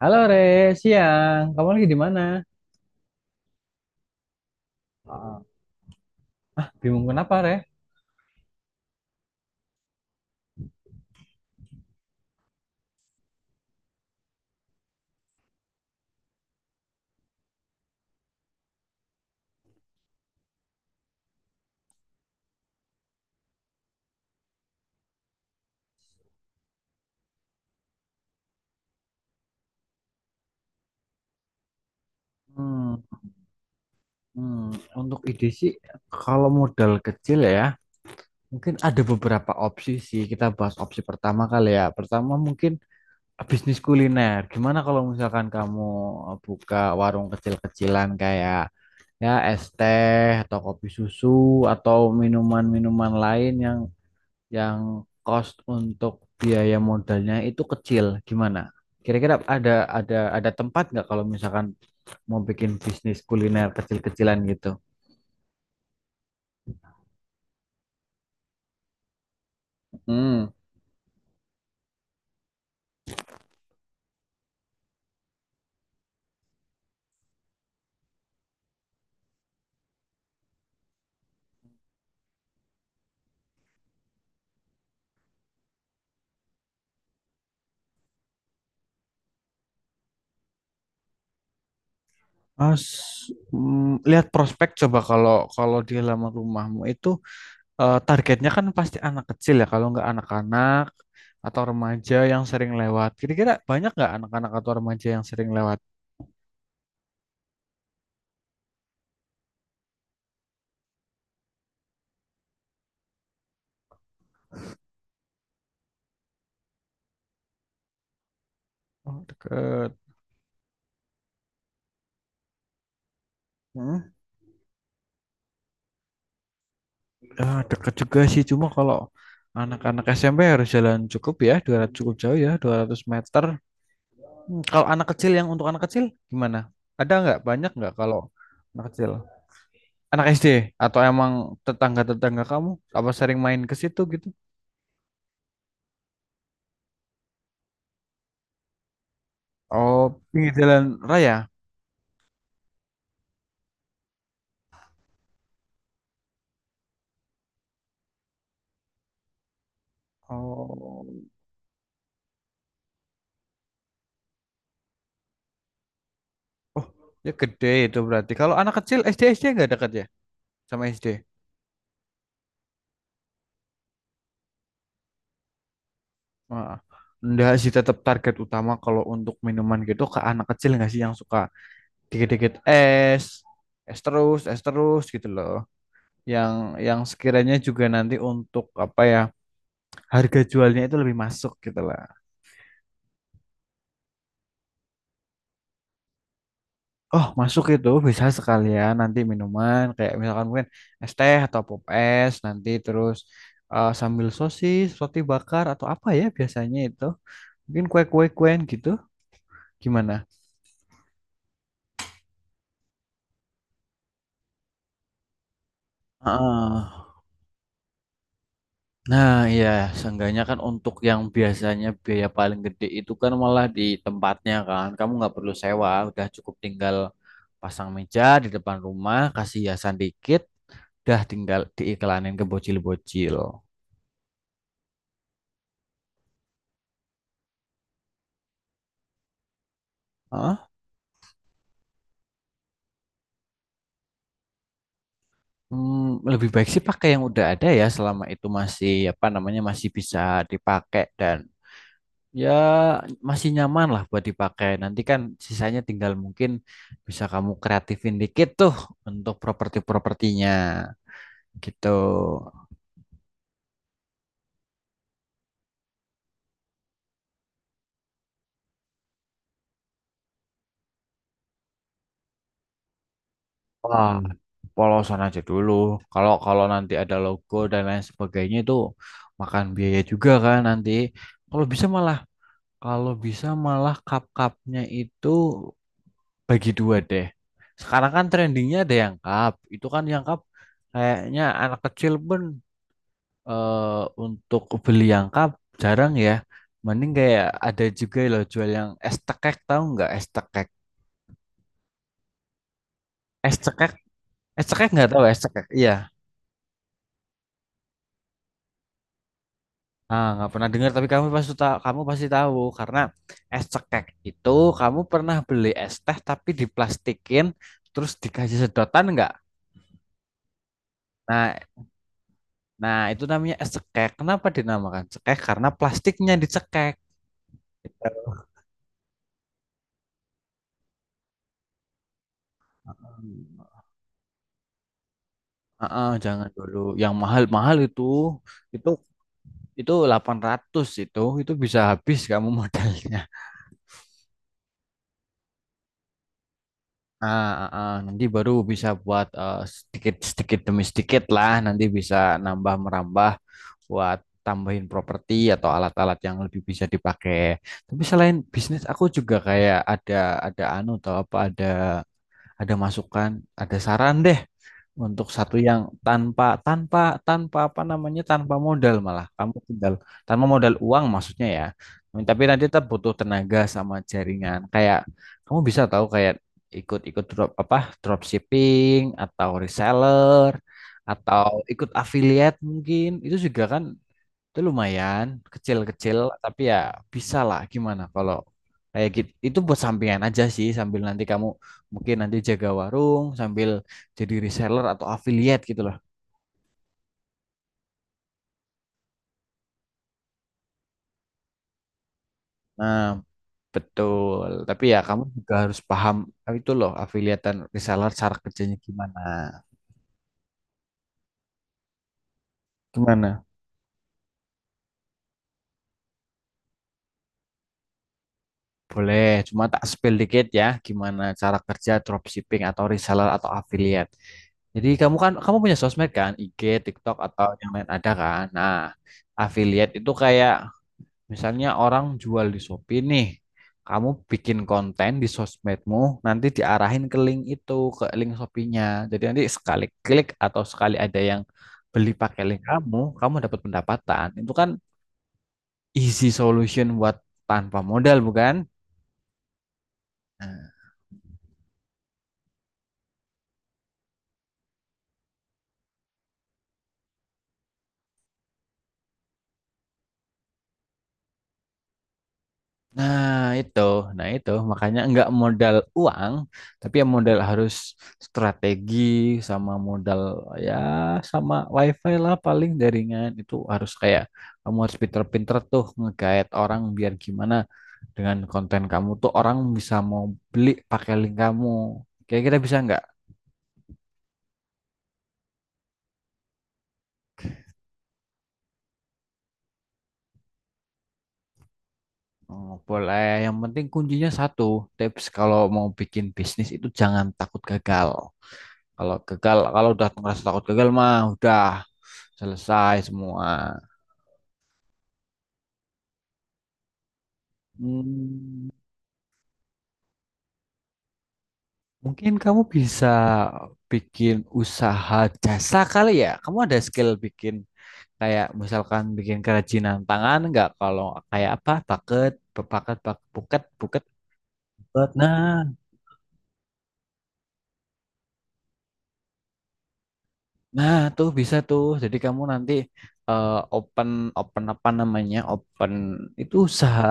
Halo Re, siang. Kamu lagi di mana? Ah, bingung kenapa, Re? Hmm, hmm, Untuk ide sih, kalau modal kecil ya, mungkin ada beberapa opsi sih. Kita bahas opsi pertama kali ya. Pertama mungkin bisnis kuliner. Gimana kalau misalkan kamu buka warung kecil-kecilan kayak ya es teh atau kopi susu atau minuman-minuman lain yang cost untuk biaya modalnya itu kecil gimana? Kira-kira ada tempat nggak kalau misalkan mau bikin bisnis kuliner kecil-kecilan gitu? Hmm. Mas, lihat prospek coba kalau kalau di halaman rumahmu itu targetnya kan pasti anak kecil ya kalau nggak anak-anak atau remaja yang sering lewat. Kira-kira banyak nggak anak-anak atau remaja yang sering lewat? Oh, deket. Hmm. Ah, dekat juga sih, cuma kalau anak-anak SMP harus jalan cukup ya, 200 cukup jauh ya, 200 meter. Kalau anak kecil yang untuk anak kecil gimana? Ada nggak? Banyak nggak kalau anak kecil? Anak SD atau emang tetangga-tetangga kamu apa sering main ke situ gitu? Oh, pinggir jalan raya. Oh, oh, ya gede itu berarti. Kalau anak kecil SD SD nggak dekat ya sama SD? Ah, enggak sih, tetap target utama kalau untuk minuman gitu ke anak kecil nggak sih yang suka dikit-dikit es, es terus gitu loh. Yang yang sekiranya juga nanti untuk apa ya, harga jualnya itu lebih masuk gitu lah. Oh, masuk itu bisa sekalian nanti minuman kayak misalkan mungkin es teh atau pop es nanti terus sambil sosis, roti bakar atau apa ya biasanya itu. Mungkin kue-kue-kuen gitu. Gimana? Heeh. Nah, iya, seenggaknya kan untuk yang biasanya biaya paling gede itu kan malah di tempatnya kan. Kamu nggak perlu sewa, udah cukup tinggal pasang meja di depan rumah, kasih hiasan dikit, udah tinggal diiklanin ke bocil-bocil. Hah? Hmm, lebih baik sih pakai yang udah ada ya, selama itu masih apa namanya masih bisa dipakai dan ya masih nyaman lah buat dipakai. Nanti kan sisanya tinggal mungkin bisa kamu kreatifin dikit tuh untuk properti-propertinya gitu. Wah, polosan aja dulu. Kalau kalau nanti ada logo dan lain sebagainya itu makan biaya juga kan nanti. Kalau bisa malah kalau bisa malah cup-cupnya itu bagi dua deh. Sekarang kan trendingnya ada yang cup. Itu kan yang cup kayaknya anak kecil pun untuk beli yang cup jarang ya. Mending kayak ada juga loh jual yang es tekek tahu nggak es tekek? Es cekek, es cekek nggak tahu es cekek. Iya. Ah, nggak pernah dengar tapi kamu pasti tahu karena es cekek itu kamu pernah beli es teh tapi diplastikin terus dikasih sedotan nggak? Nah, nah itu namanya es cekek. Kenapa dinamakan cekek? Karena plastiknya dicekek. Ah, ah, jangan dulu. Yang mahal-mahal itu itu 800 itu bisa habis kamu modalnya. Ah, ah, ah. Nanti baru bisa buat sedikit sedikit demi sedikit lah nanti bisa nambah merambah buat tambahin properti atau alat-alat yang lebih bisa dipakai. Tapi selain bisnis aku juga kayak ada anu atau apa ada masukan, ada saran deh untuk satu yang tanpa tanpa tanpa apa namanya tanpa modal malah kamu tinggal tanpa modal uang maksudnya ya. Tapi nanti tetap butuh tenaga sama jaringan. Kayak kamu bisa tahu kayak ikut-ikut dropshipping atau reseller atau ikut affiliate mungkin itu juga kan itu lumayan kecil-kecil tapi ya bisa lah gimana kalau kayak gitu. Itu buat sampingan aja sih sambil nanti kamu mungkin nanti jaga warung sambil jadi reseller atau affiliate gitu loh. Nah, betul. Tapi ya kamu juga harus paham itu loh affiliate dan reseller cara kerjanya gimana. Gimana? Boleh, cuma tak spill dikit ya gimana cara kerja dropshipping atau reseller atau affiliate. Jadi kamu kan kamu punya sosmed kan, IG, TikTok atau yang lain ada kan. Nah, affiliate itu kayak misalnya orang jual di Shopee nih. Kamu bikin konten di sosmedmu, nanti diarahin ke link itu, ke link Shopee-nya. Jadi nanti sekali klik atau sekali ada yang beli pakai link kamu, kamu dapat pendapatan. Itu kan easy solution buat tanpa modal, bukan? Nah. Nah, itu. Nah, itu makanya nggak modal uang, tapi ya modal harus strategi sama modal ya sama wifi lah paling jaringan itu harus kayak kamu harus pinter-pinter tuh ngegait orang biar gimana dengan konten kamu tuh orang bisa mau beli pakai link kamu. Kira-kira bisa nggak? Oh, boleh. Yang penting kuncinya satu, tips kalau mau bikin bisnis itu jangan takut gagal. Kalau gagal, kalau udah ngerasa takut gagal mah udah selesai semua. Hmm, mungkin kamu bisa bikin usaha jasa kali ya. Kamu ada skill bikin kayak misalkan bikin kerajinan tangan nggak? Kalau kayak apa? Paket, paket, paket, buket, buket, buket. Nah, nah, tuh bisa tuh. Jadi kamu nanti eh, open open apa namanya? Open itu usaha.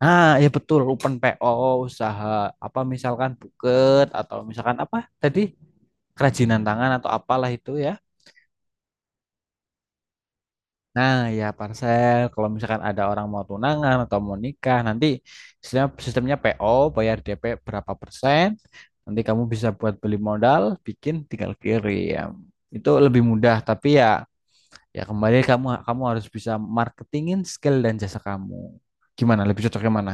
Nah, ya betul, open PO, usaha apa misalkan buket atau misalkan apa tadi kerajinan tangan atau apalah itu ya. Nah, ya parcel kalau misalkan ada orang mau tunangan atau mau nikah, nanti sistemnya PO, bayar DP berapa persen. Nanti kamu bisa buat beli modal, bikin tinggal kirim. Itu lebih mudah, tapi ya kembali kamu kamu harus bisa marketingin skill dan jasa kamu. Gimana lebih cocoknya mana?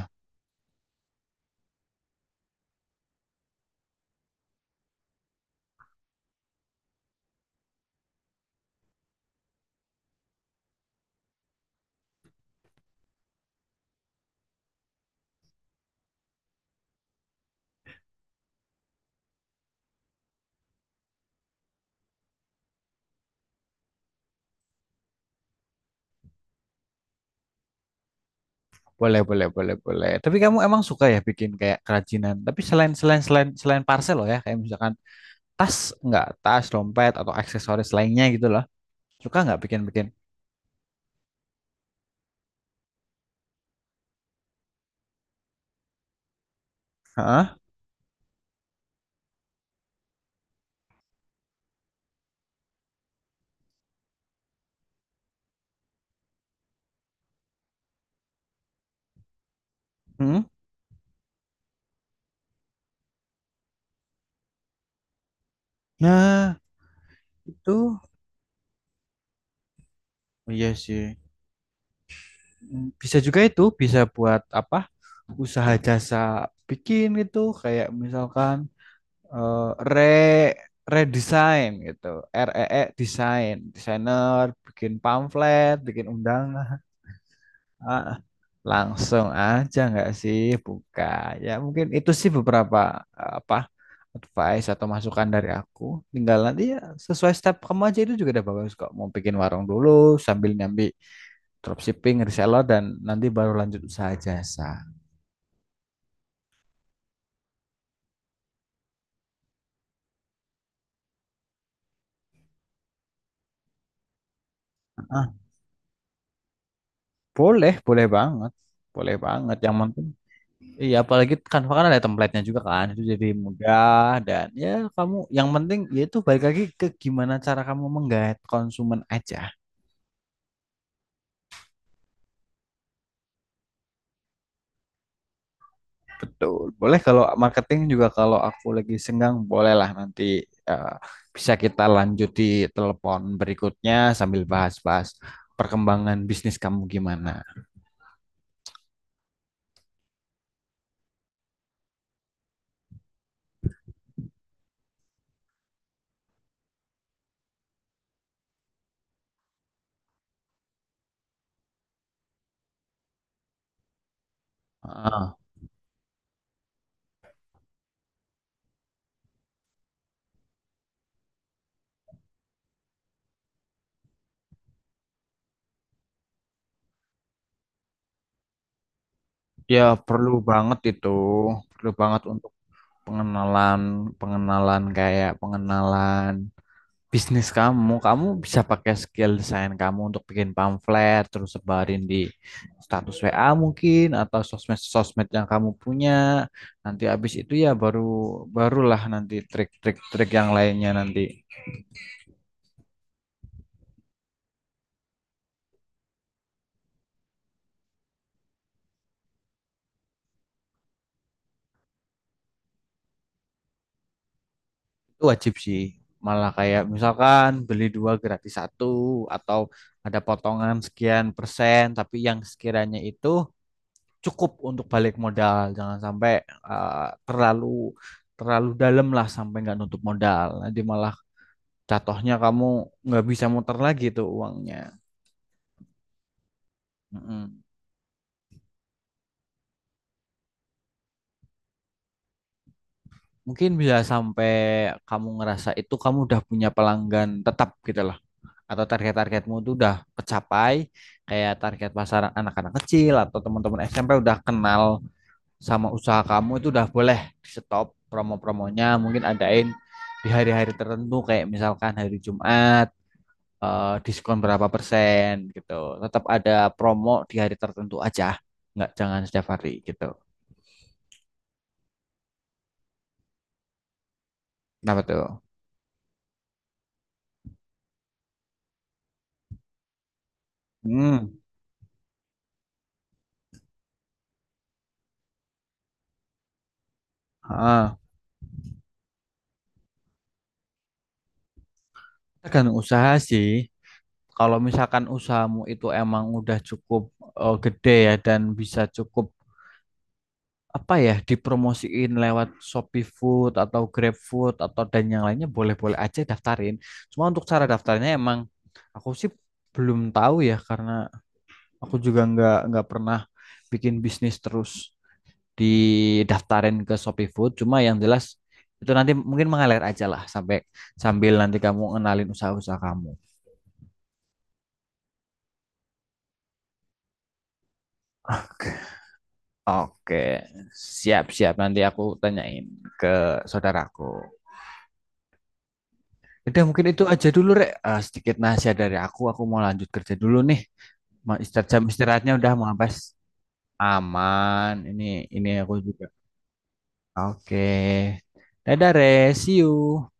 Boleh, boleh, boleh, boleh. Tapi kamu emang suka ya bikin kayak kerajinan. Tapi selain selain selain selain parcel loh ya, kayak misalkan tas nggak tas, dompet atau aksesoris lainnya gitu loh. Suka nggak bikin-bikin? Heeh. Hmm? Nah, itu oh iya sih. Bisa juga itu, bisa buat apa? Usaha jasa bikin gitu, kayak misalkan eh, re redesign gitu REE design desainer bikin pamflet bikin undangan. Ah, langsung aja nggak sih buka ya mungkin itu sih beberapa apa advice atau masukan dari aku tinggal nanti ya sesuai step kamu aja itu juga udah bagus kok mau bikin warung dulu sambil nyambi dropshipping reseller dan nanti baru lanjut usaha jasa. Ah, boleh boleh banget yang penting. Iya, apalagi Canva kan ada template-nya juga kan, itu jadi mudah dan ya kamu yang penting yaitu balik lagi ke gimana cara kamu menggait konsumen aja. Betul. Boleh kalau marketing juga kalau aku lagi senggang bolehlah nanti eh, bisa kita lanjut di telepon berikutnya sambil bahas-bahas perkembangan bisnis kamu gimana. Ah, ya perlu banget itu, perlu banget untuk pengenalan, pengenalan kayak pengenalan bisnis kamu, kamu bisa pakai skill desain kamu untuk bikin pamflet, terus sebarin di status WA mungkin atau sosmed-sosmed yang kamu punya. Nanti habis itu ya barulah nanti trik-trik-trik yang lainnya nanti. Itu wajib sih. Malah kayak misalkan beli dua gratis satu atau ada potongan sekian persen, tapi yang sekiranya itu cukup untuk balik modal. Jangan sampai uh, terlalu terlalu dalam lah sampai nggak nutup modal. Nanti malah jatuhnya kamu nggak bisa muter lagi tuh uangnya. Mm-mm. Mungkin bisa sampai kamu ngerasa itu kamu udah punya pelanggan tetap gitu loh. Atau target-targetmu tuh udah kecapai, kayak target pasar anak-anak kecil atau teman-teman SMP udah kenal sama usaha kamu itu udah boleh di stop promo-promonya mungkin adain di hari-hari tertentu kayak misalkan hari Jumat diskon berapa persen gitu tetap ada promo di hari tertentu aja nggak jangan setiap hari gitu kenapa tuh. Hmm. Ah. Tergantung usaha sih kalau misalkan usahamu itu emang udah cukup gede ya dan bisa cukup apa ya dipromosiin lewat Shopee Food atau Grab Food atau dan yang lainnya boleh-boleh aja daftarin. Cuma untuk cara daftarnya emang aku sih belum tahu ya karena aku juga nggak pernah bikin bisnis terus didaftarin ke Shopee Food. Cuma yang jelas itu nanti mungkin mengalir aja lah sampai sambil nanti kamu kenalin usaha-usaha kamu. Oke, oke, siap-siap nanti aku tanyain ke saudaraku. Udah mungkin itu aja dulu Rek. Eh, sedikit nasihat dari aku mau lanjut kerja dulu nih. Istirahat jam istirahatnya udah mau habis. Aman. Ini aku juga. Oke. Dadah, Re. See you.